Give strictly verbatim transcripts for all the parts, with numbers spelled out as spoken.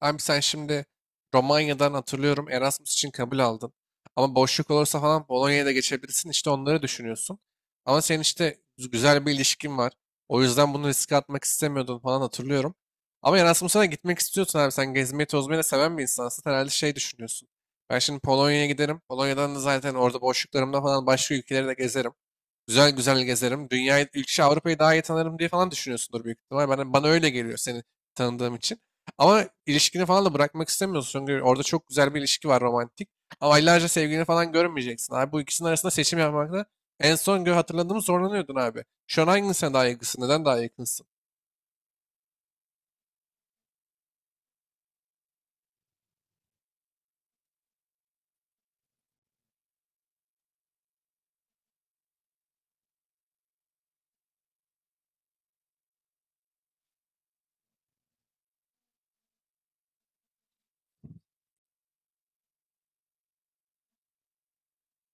Abi sen şimdi Romanya'dan hatırlıyorum Erasmus için kabul aldın. Ama boşluk olursa falan Polonya'ya da geçebilirsin. İşte onları düşünüyorsun. Ama senin işte gü- güzel bir ilişkin var. O yüzden bunu riske atmak istemiyordun falan hatırlıyorum. Ama Erasmus'a da gitmek istiyorsun abi. Sen gezmeyi tozmayı da seven bir insansın. Herhalde şey düşünüyorsun. Ben şimdi Polonya'ya giderim. Polonya'dan da zaten orada boşluklarımda falan başka ülkeleri de gezerim. Güzel güzel gezerim. Dünyayı, ülke, Avrupa'yı daha iyi tanırım diye falan düşünüyorsundur büyük ihtimal. Bana, bana öyle geliyor seni tanıdığım için. Ama ilişkini falan da bırakmak istemiyorsun. Çünkü orada çok güzel bir ilişki var romantik. Ama aylarca sevgilini falan görmeyeceksin abi. Bu ikisinin arasında seçim yapmakta en son gö- hatırladığımı zorlanıyordun abi. Şu an hangisine daha yakınsın? Neden daha yakınsın?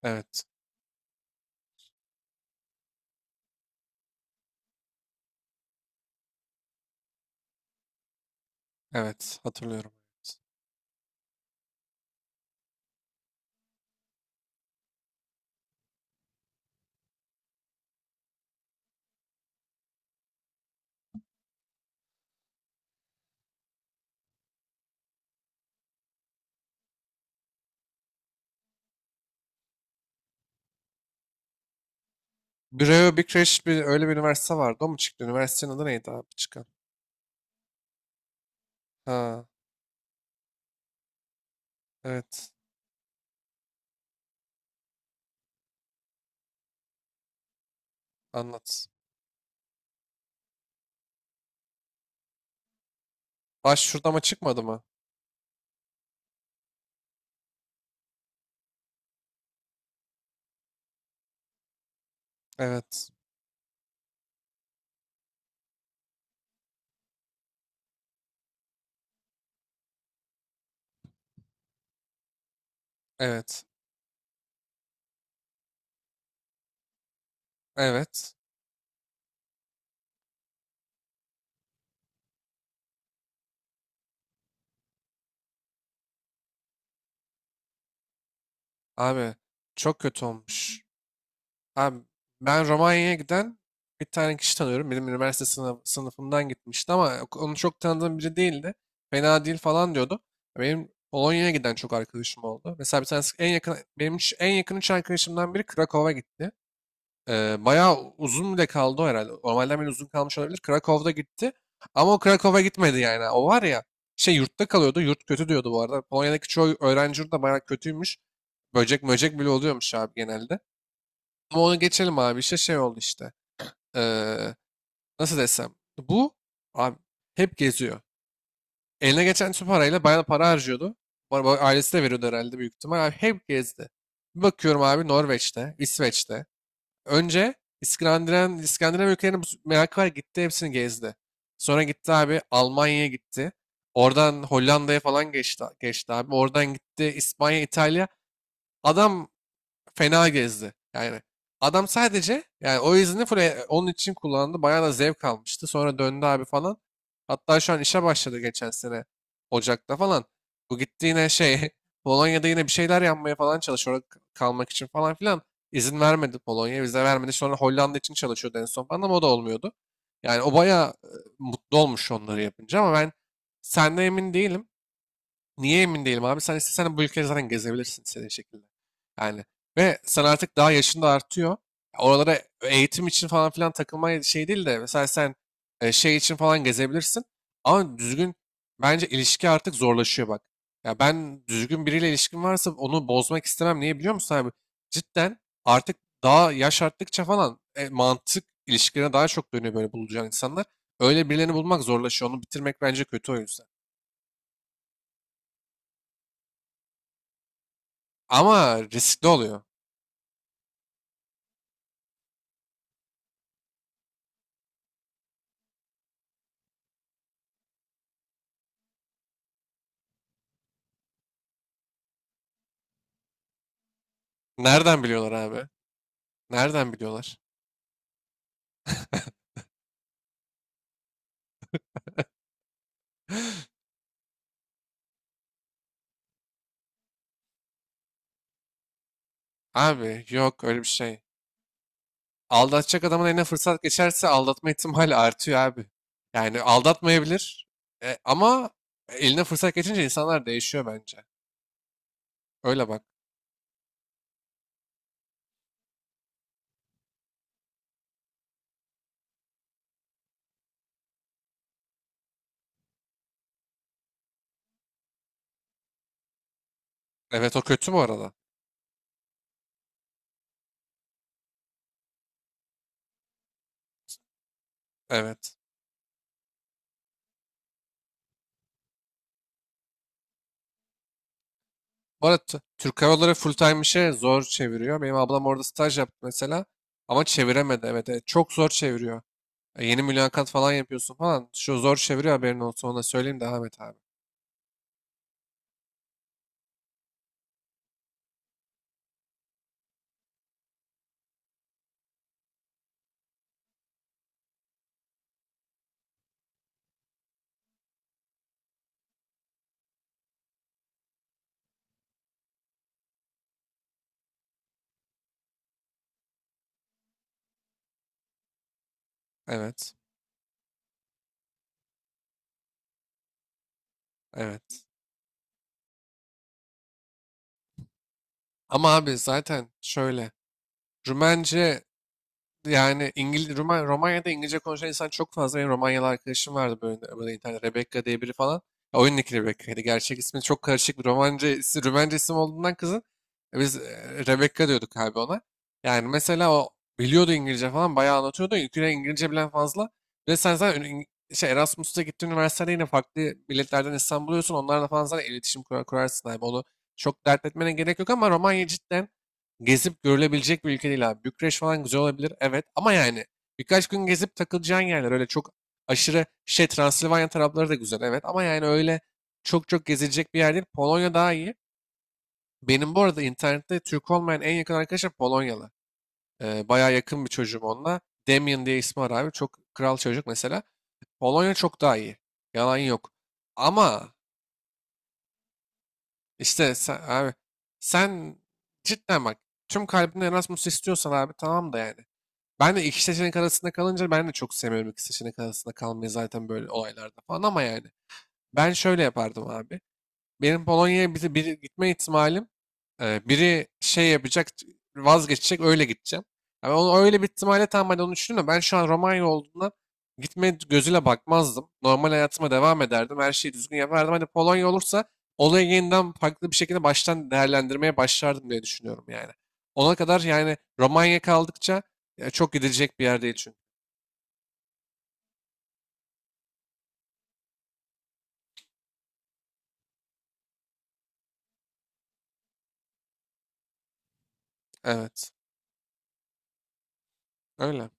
Evet. Evet, hatırlıyorum. Breo Big Crash bir, öyle bir üniversite vardı. O mu çıktı? Üniversitenin adı neydi abi çıkan? Ha, evet. Anlat. Baş şurada ama çıkmadı mı? Evet. Evet. Evet. Abi çok kötü olmuş. Abi ben Romanya'ya giden bir tane kişi tanıyorum. Benim üniversite sınıf, sınıfımdan gitmişti ama onu çok tanıdığım biri değildi. Fena değil falan diyordu. Benim Polonya'ya giden çok arkadaşım oldu. Mesela bir tanesi en yakın, benim üç- en yakın üç arkadaşımdan biri Krakow'a gitti. Ee, bayağı uzun bile kaldı o herhalde. Normalden bile uzun kalmış olabilir. Krakow'da gitti. Ama o Krakow'a gitmedi yani. O var ya şey yurtta kalıyordu. Yurt kötü diyordu bu arada. Polonya'daki çoğu öğrenci yurdu da bayağı kötüymüş. Böcek möcek bile oluyormuş abi genelde. Ama onu geçelim abi. İşte şey oldu işte. Ee, Nasıl desem. Bu abi hep geziyor. Eline geçen tüm parayla bayağı para harcıyordu. Bu arada ailesi de veriyordu herhalde büyük ihtimal. Abi hep gezdi. Bir bakıyorum abi Norveç'te, İsveç'te. Önce İskandinav, İskandinav ülkelerine bu merakı var gitti hepsini gezdi. Sonra gitti abi Almanya'ya gitti. Oradan Hollanda'ya falan geçti, geçti abi. Oradan gitti İspanya, İtalya. Adam fena gezdi. Yani adam sadece yani o izni full e- onun için kullandı. Bayağı da zevk almıştı. Sonra döndü abi falan. Hatta şu an işe başladı geçen sene Ocak'ta falan. Bu gitti yine şey Polonya'da yine bir şeyler yapmaya falan çalışıyor. Orada k- kalmak için falan filan. İzin vermedi Polonya. Vize vermedi. Sonra Hollanda için çalışıyordu en son falan ama o da olmuyordu. Yani o bayağı e, mutlu olmuş onları yapınca ama ben senden emin değilim. Niye emin değilim abi? Sen istesen bu ülkeyi zaten gezebilirsin istediğin şekilde. Yani ve sen artık daha yaşın da artıyor. Oralara eğitim için falan filan takılma şey değil de mesela sen e, şey için falan gezebilirsin. Ama düzgün bence ilişki artık zorlaşıyor bak. Ya ben düzgün biriyle ilişkim varsa onu bozmak istemem. Niye biliyor musun abi? Cidden artık daha yaş arttıkça falan e, mantık ilişkilerine daha çok dönüyor böyle bulacağın insanlar. Öyle birilerini bulmak zorlaşıyor. Onu bitirmek bence kötü o yüzden. Ama riskli oluyor. Nereden biliyorlar abi? Nereden biliyorlar? Abi yok öyle bir şey. Aldatacak adamın eline fırsat geçerse aldatma ihtimali artıyor abi. Yani aldatmayabilir e, ama eline fırsat geçince insanlar değişiyor bence. Öyle bak. Evet o kötü bu arada. Evet. Bu arada T- Türk Hava Yolları full time işe zor çeviriyor. Benim ablam orada staj yaptı mesela ama çeviremedi. Evet, evet çok zor çeviriyor. E, yeni mülakat falan yapıyorsun falan. Şu zor çeviriyor haberin olsun ona söyleyeyim devam et abi. Evet. Evet. Ama abi zaten şöyle. Rumence yani İngil Ruma- Romanya'da İngilizce konuşan insan çok fazla. Benim Romanyalı arkadaşım vardı böyle, böyle internet Rebecca diye biri falan. Ya, oyundaki Rebecca'ydı. Gerçek ismi çok karışık bir Romance, isim- Rumence isim olduğundan kızın e, biz e, Rebecca diyorduk abi ona. Yani mesela o biliyordu İngilizce falan bayağı anlatıyordu. Yüküne İngilizce bilen fazla. Ve sen zaten ün- İng- şey, Erasmus'ta gittiğin üniversitede yine farklı milletlerden insan buluyorsun. Onlarla falan zaten iletişim kurar, kurarsın abi. Onu çok dert etmene gerek yok ama Romanya cidden gezip görülebilecek bir ülke değil abi. Bükreş falan güzel olabilir. Evet ama yani birkaç gün gezip takılacağın yerler. Öyle çok aşırı şey Transilvanya tarafları da güzel. Evet ama yani öyle çok çok gezilecek bir yer değil. Polonya daha iyi. Benim bu arada internette Türk olmayan en yakın arkadaşım Polonyalı. Ee, bayağı yakın bir çocuğum onunla. Damian diye ismi var abi. Çok kral çocuk mesela. Polonya çok daha iyi. Yalan yok. Ama işte sen, abi sen cidden bak tüm kalbinle Erasmus istiyorsan abi tamam da yani. Ben de iki seçenek arasında kalınca ben de çok sevmiyorum iki seçenek arasında kalmayı zaten böyle olaylarda falan ama yani. Ben şöyle yapardım abi benim Polonya'ya biri, biri gitme ihtimalim e, biri şey yapacak vazgeçecek öyle gideceğim. Yani onu öyle bir ihtimalle tam ben onu düşündüm de ben şu an Romanya olduğundan gitme gözüyle bakmazdım. Normal hayatıma devam ederdim. Her şeyi düzgün yapardım. Hani Polonya olursa olayı yeniden farklı bir şekilde baştan değerlendirmeye başlardım diye düşünüyorum yani. Ona kadar yani Romanya kaldıkça e, çok gidilecek bir yer değil çünkü. Evet. Öyle.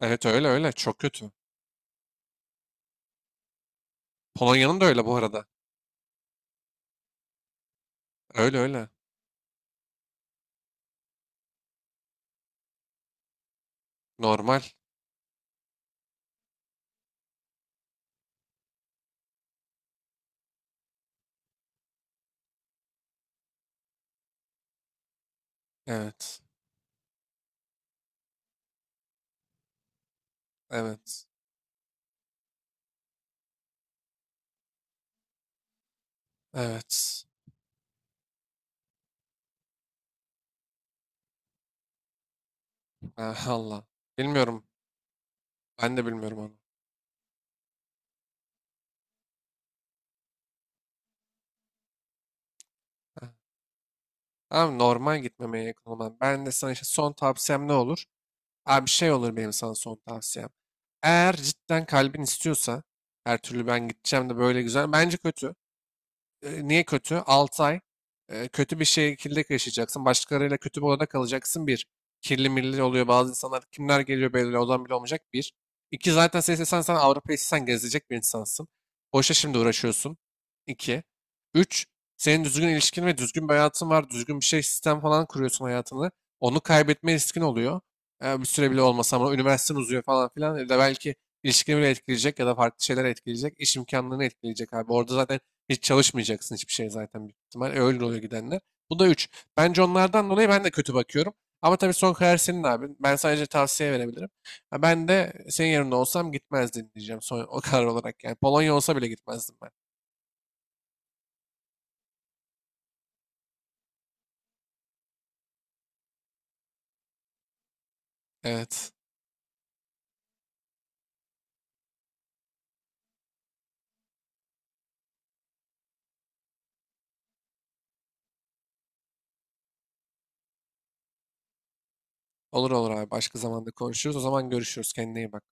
Evet öyle öyle. Çok kötü. Polonya'nın da öyle bu arada. Öyle öyle. Normal. Evet. Evet. Evet. Ah, Allah. Bilmiyorum. Ben de bilmiyorum onu. Ah, abi normal gitmemeye yakın olman. Ben de sana işte son tavsiyem ne olur? Abi bir şey olur benim sana son tavsiyem. Eğer cidden kalbin istiyorsa her türlü ben gideceğim de böyle güzel. Bence kötü. E, niye kötü? altı ay e, kötü bir şekilde yaşayacaksın. Başkalarıyla kötü bir odada kalacaksın. Bir. Kirli milli oluyor. Bazı insanlar kimler geliyor belli odan bile olmayacak. Bir. İki zaten sen istesen sen Avrupa'yı istesen gezecek bir insansın. Boşa şimdi uğraşıyorsun. İki. Üç. Senin düzgün ilişkin ve düzgün bir hayatın var. Düzgün bir şey sistem falan kuruyorsun hayatını. Onu kaybetme riskin oluyor. E, bir süre bile olmasa ama üniversiten uzuyor falan filan. Ya da belki ilişkini bile etkileyecek ya da farklı şeyler etkileyecek. İş imkanlarını etkileyecek abi. Orada zaten hiç çalışmayacaksın hiçbir şey zaten büyük ihtimal. E, öyle oluyor gidenler. Bu da üç. Bence onlardan dolayı ben de kötü bakıyorum. Ama tabii son karar senin abi. Ben sadece tavsiye verebilirim. Ha, ben de senin yerinde olsam gitmezdim diyeceğim son o karar olarak. Yani Polonya olsa bile gitmezdim ben. Evet. Olur olur abi. Başka zamanda konuşuruz. O zaman görüşürüz. Kendine iyi bak.